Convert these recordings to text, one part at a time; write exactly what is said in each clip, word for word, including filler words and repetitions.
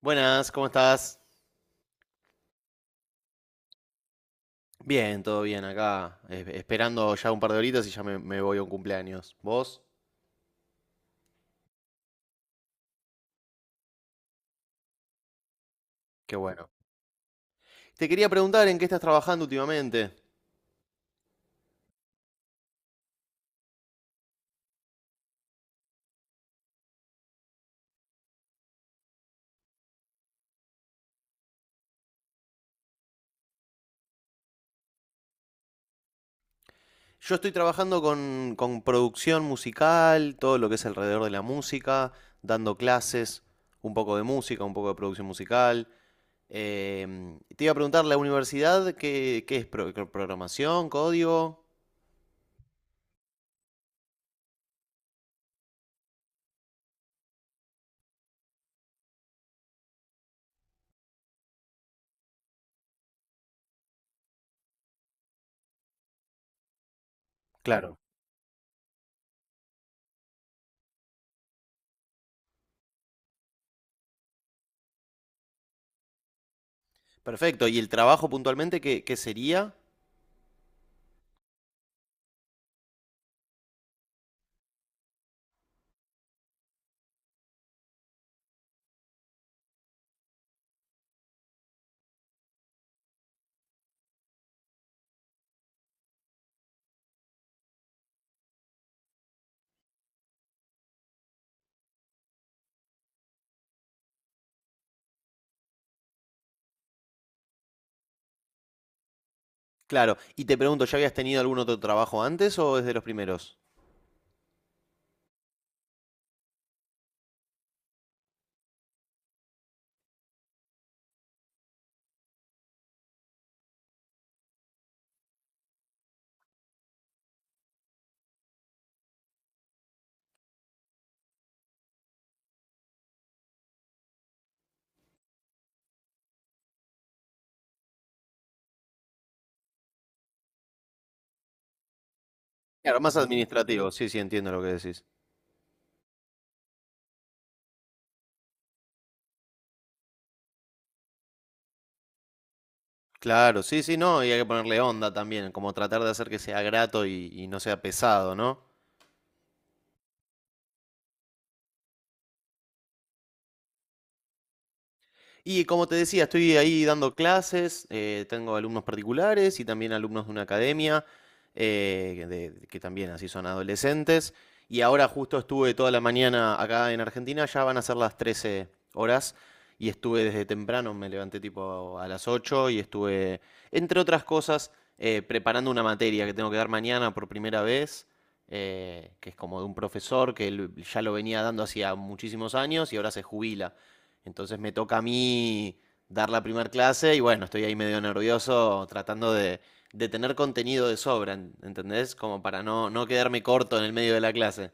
Buenas, ¿cómo estás? Bien, todo bien acá, es- esperando ya un par de horitas y ya me, me voy a un cumpleaños. ¿Vos? Qué bueno. Te quería preguntar en qué estás trabajando últimamente. Yo estoy trabajando con, con producción musical, todo lo que es alrededor de la música, dando clases, un poco de música, un poco de producción musical. Em, te iba a preguntar, ¿la universidad qué, qué es? Pro- ¿Programación? ¿Código? Claro. Perfecto. ¿Y el trabajo puntualmente qué, qué sería? Claro, y te pregunto, ¿ya habías tenido algún otro trabajo antes o es de los primeros? Claro, más administrativo, sí, sí, entiendo lo que decís. Claro, sí, sí, no, y hay que ponerle onda también, como tratar de hacer que sea grato y, y no sea pesado, ¿no? Y como te decía, estoy ahí dando clases, eh, tengo alumnos particulares y también alumnos de una academia, eh, de- que también así son adolescentes. Y ahora justo estuve toda la mañana acá en Argentina, ya van a ser las trece horas y estuve desde temprano, me levanté tipo a las ocho y estuve, entre otras cosas, eh, preparando una materia que tengo que dar mañana por primera vez, eh, que es como de un profesor que él ya lo venía dando hacía muchísimos años y ahora se jubila. Entonces me toca a mí dar la primera clase y bueno, estoy ahí medio nervioso tratando de, de tener contenido de sobra, ¿entendés? Como para no, no quedarme corto en el medio de la clase.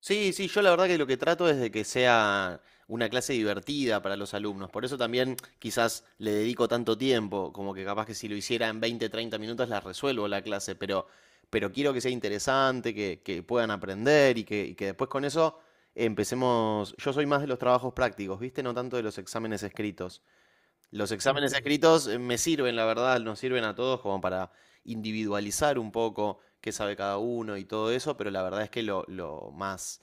Sí, sí, yo la verdad que lo que trato es de que sea una clase divertida para los alumnos. Por eso también quizás le dedico tanto tiempo, como que capaz que si lo hiciera en veinte, treinta minutos la resuelvo la clase, pero, pero quiero que sea interesante, que, que puedan aprender y que, y que después con eso empecemos. Yo soy más de los trabajos prácticos, ¿viste? No tanto de los exámenes escritos. Los exámenes escritos eh, me sirven, la verdad, nos sirven a todos como para individualizar un poco qué sabe cada uno y todo eso, pero la verdad es que lo, lo más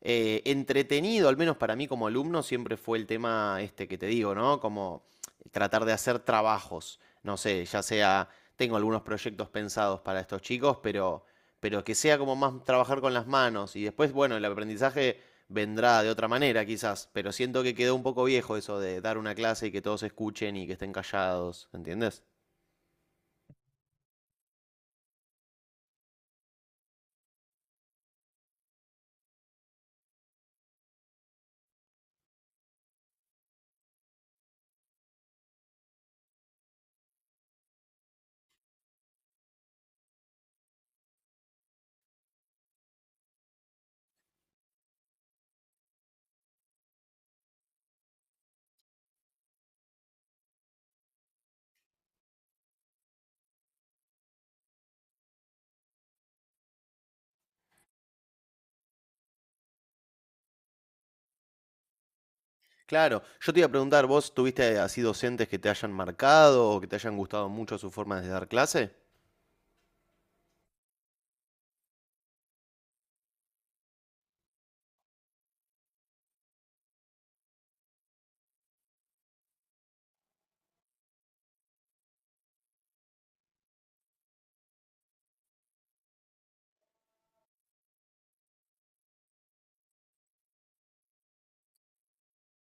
eh, entretenido, al menos para mí como alumno, siempre fue el tema este que te digo, ¿no? Como tratar de hacer trabajos, no sé, ya sea, tengo algunos proyectos pensados para estos chicos, pero, pero que sea como más trabajar con las manos y después, bueno, el aprendizaje vendrá de otra manera quizás, pero siento que quedó un poco viejo eso de dar una clase y que todos escuchen y que estén callados, ¿entiendes? Claro, yo te iba a preguntar, ¿vos tuviste así docentes que te hayan marcado o que te hayan gustado mucho su forma de dar clase?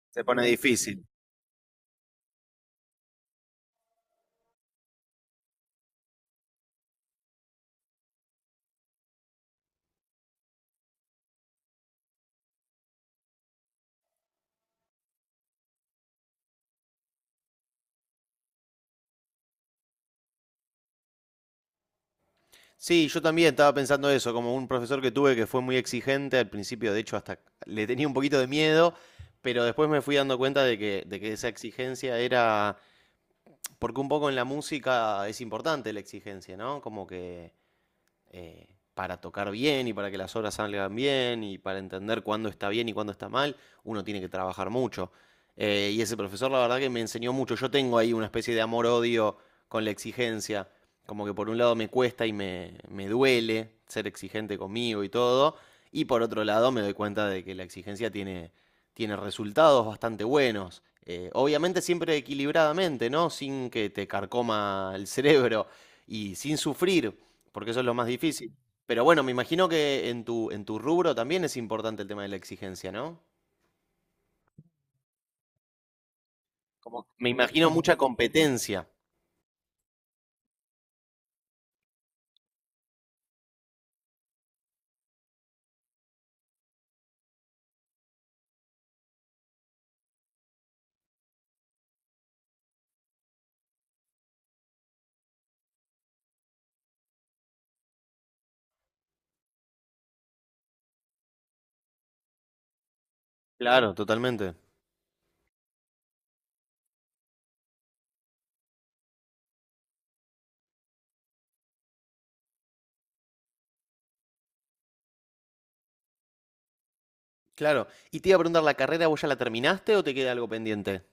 Se pone difícil. Sí, yo también estaba pensando eso, como un profesor que tuve que fue muy exigente al principio, de hecho hasta le tenía un poquito de miedo, pero después me fui dando cuenta de, que, de que esa exigencia era, porque un poco en la música es importante la exigencia, ¿no? Como que eh, para tocar bien y para que las obras salgan bien y para entender cuándo está bien y cuándo está mal, uno tiene que trabajar mucho. Eh, y ese profesor la verdad que me enseñó mucho. Yo tengo ahí una especie de amor-odio con la exigencia. Como que por un lado me cuesta y me, me duele ser exigente conmigo y todo. Y por otro lado me doy cuenta de que la exigencia tiene, tiene resultados bastante buenos. Eh, obviamente siempre equilibradamente, ¿no? Sin que te carcoma el cerebro y sin sufrir porque eso es lo más difícil. Pero bueno, me imagino que en tu, en tu rubro también es importante el tema de la exigencia, ¿no? Como, me imagino mucha competencia. Claro, totalmente. Claro. Y te iba a preguntar, ¿la carrera vos ya la terminaste o te queda algo pendiente?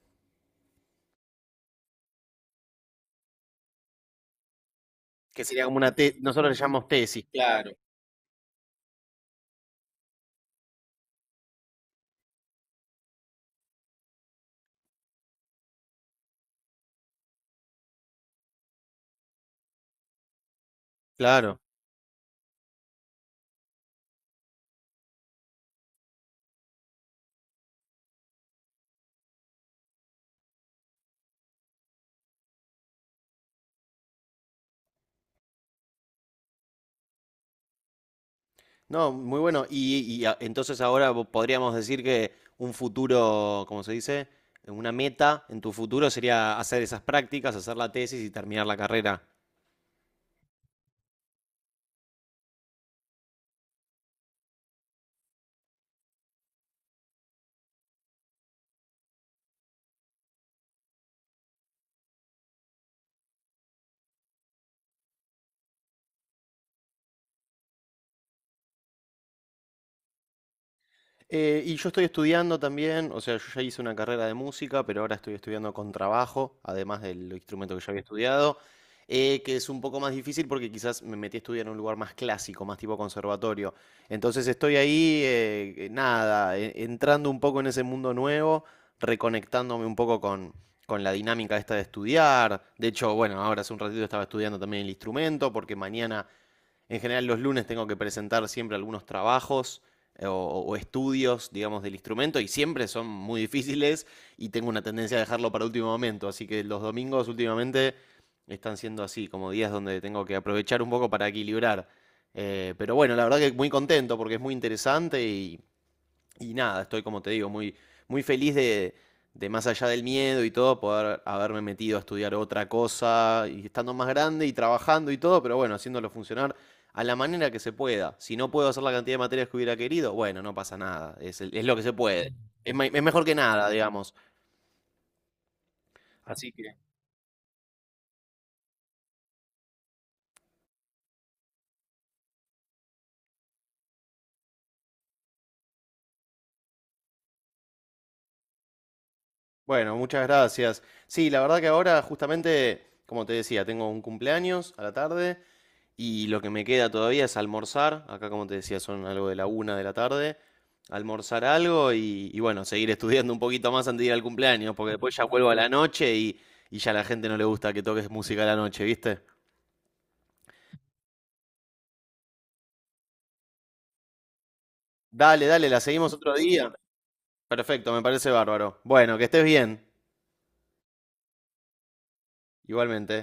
Que sería como una tesis, nosotros le llamamos tesis. Claro. Claro. No, muy bueno. Y, y a- entonces ahora vo- podríamos decir que un futuro, ¿cómo se dice? Una meta en tu futuro sería hacer esas prácticas, hacer la tesis y terminar la carrera. Eh, y yo estoy estudiando también, o sea, yo ya hice una carrera de música, pero ahora estoy estudiando con trabajo, además del instrumento que ya había estudiado, eh, que es un poco más difícil porque quizás me metí a estudiar en un lugar más clásico, más tipo conservatorio. Entonces estoy ahí, eh, eh, nada, e- entrando un poco en ese mundo nuevo, reconectándome un poco con, con la dinámica esta de estudiar. De hecho, bueno, ahora hace un ratito estaba estudiando también el instrumento porque mañana en general los lunes tengo que presentar siempre algunos trabajos eh, o, o estudios, digamos, del instrumento y siempre son muy difíciles y tengo una tendencia a dejarlo para último momento. Así que los domingos últimamente están siendo así, como días donde tengo que aprovechar un poco para equilibrar. Eh, pero bueno, la verdad que muy contento porque es muy interesante y, y nada, estoy como te digo, muy, muy feliz de, de más allá del miedo y todo, poder haberme metido a estudiar otra cosa y estando más grande y trabajando y todo, pero bueno, haciéndolo funcionar a la manera que se pueda. Si no puedo hacer la cantidad de materias que hubiera querido, bueno, no pasa nada, es, el- es lo que se puede. Es, me- es mejor que nada, digamos. Bueno, muchas gracias. Sí, la verdad que ahora justamente, como te decía, tengo un cumpleaños a la tarde y lo que me queda todavía es almorzar. Acá, como te decía, son algo de la una de la tarde. Almorzar algo y, y bueno, seguir estudiando un poquito más antes de ir al cumpleaños, porque después ya vuelvo a la noche y, y ya a la gente no le gusta que toques música a la noche, ¿viste? Dale, dale, la seguimos otro día. Perfecto, me parece bárbaro. Bueno, que estés bien, igualmente.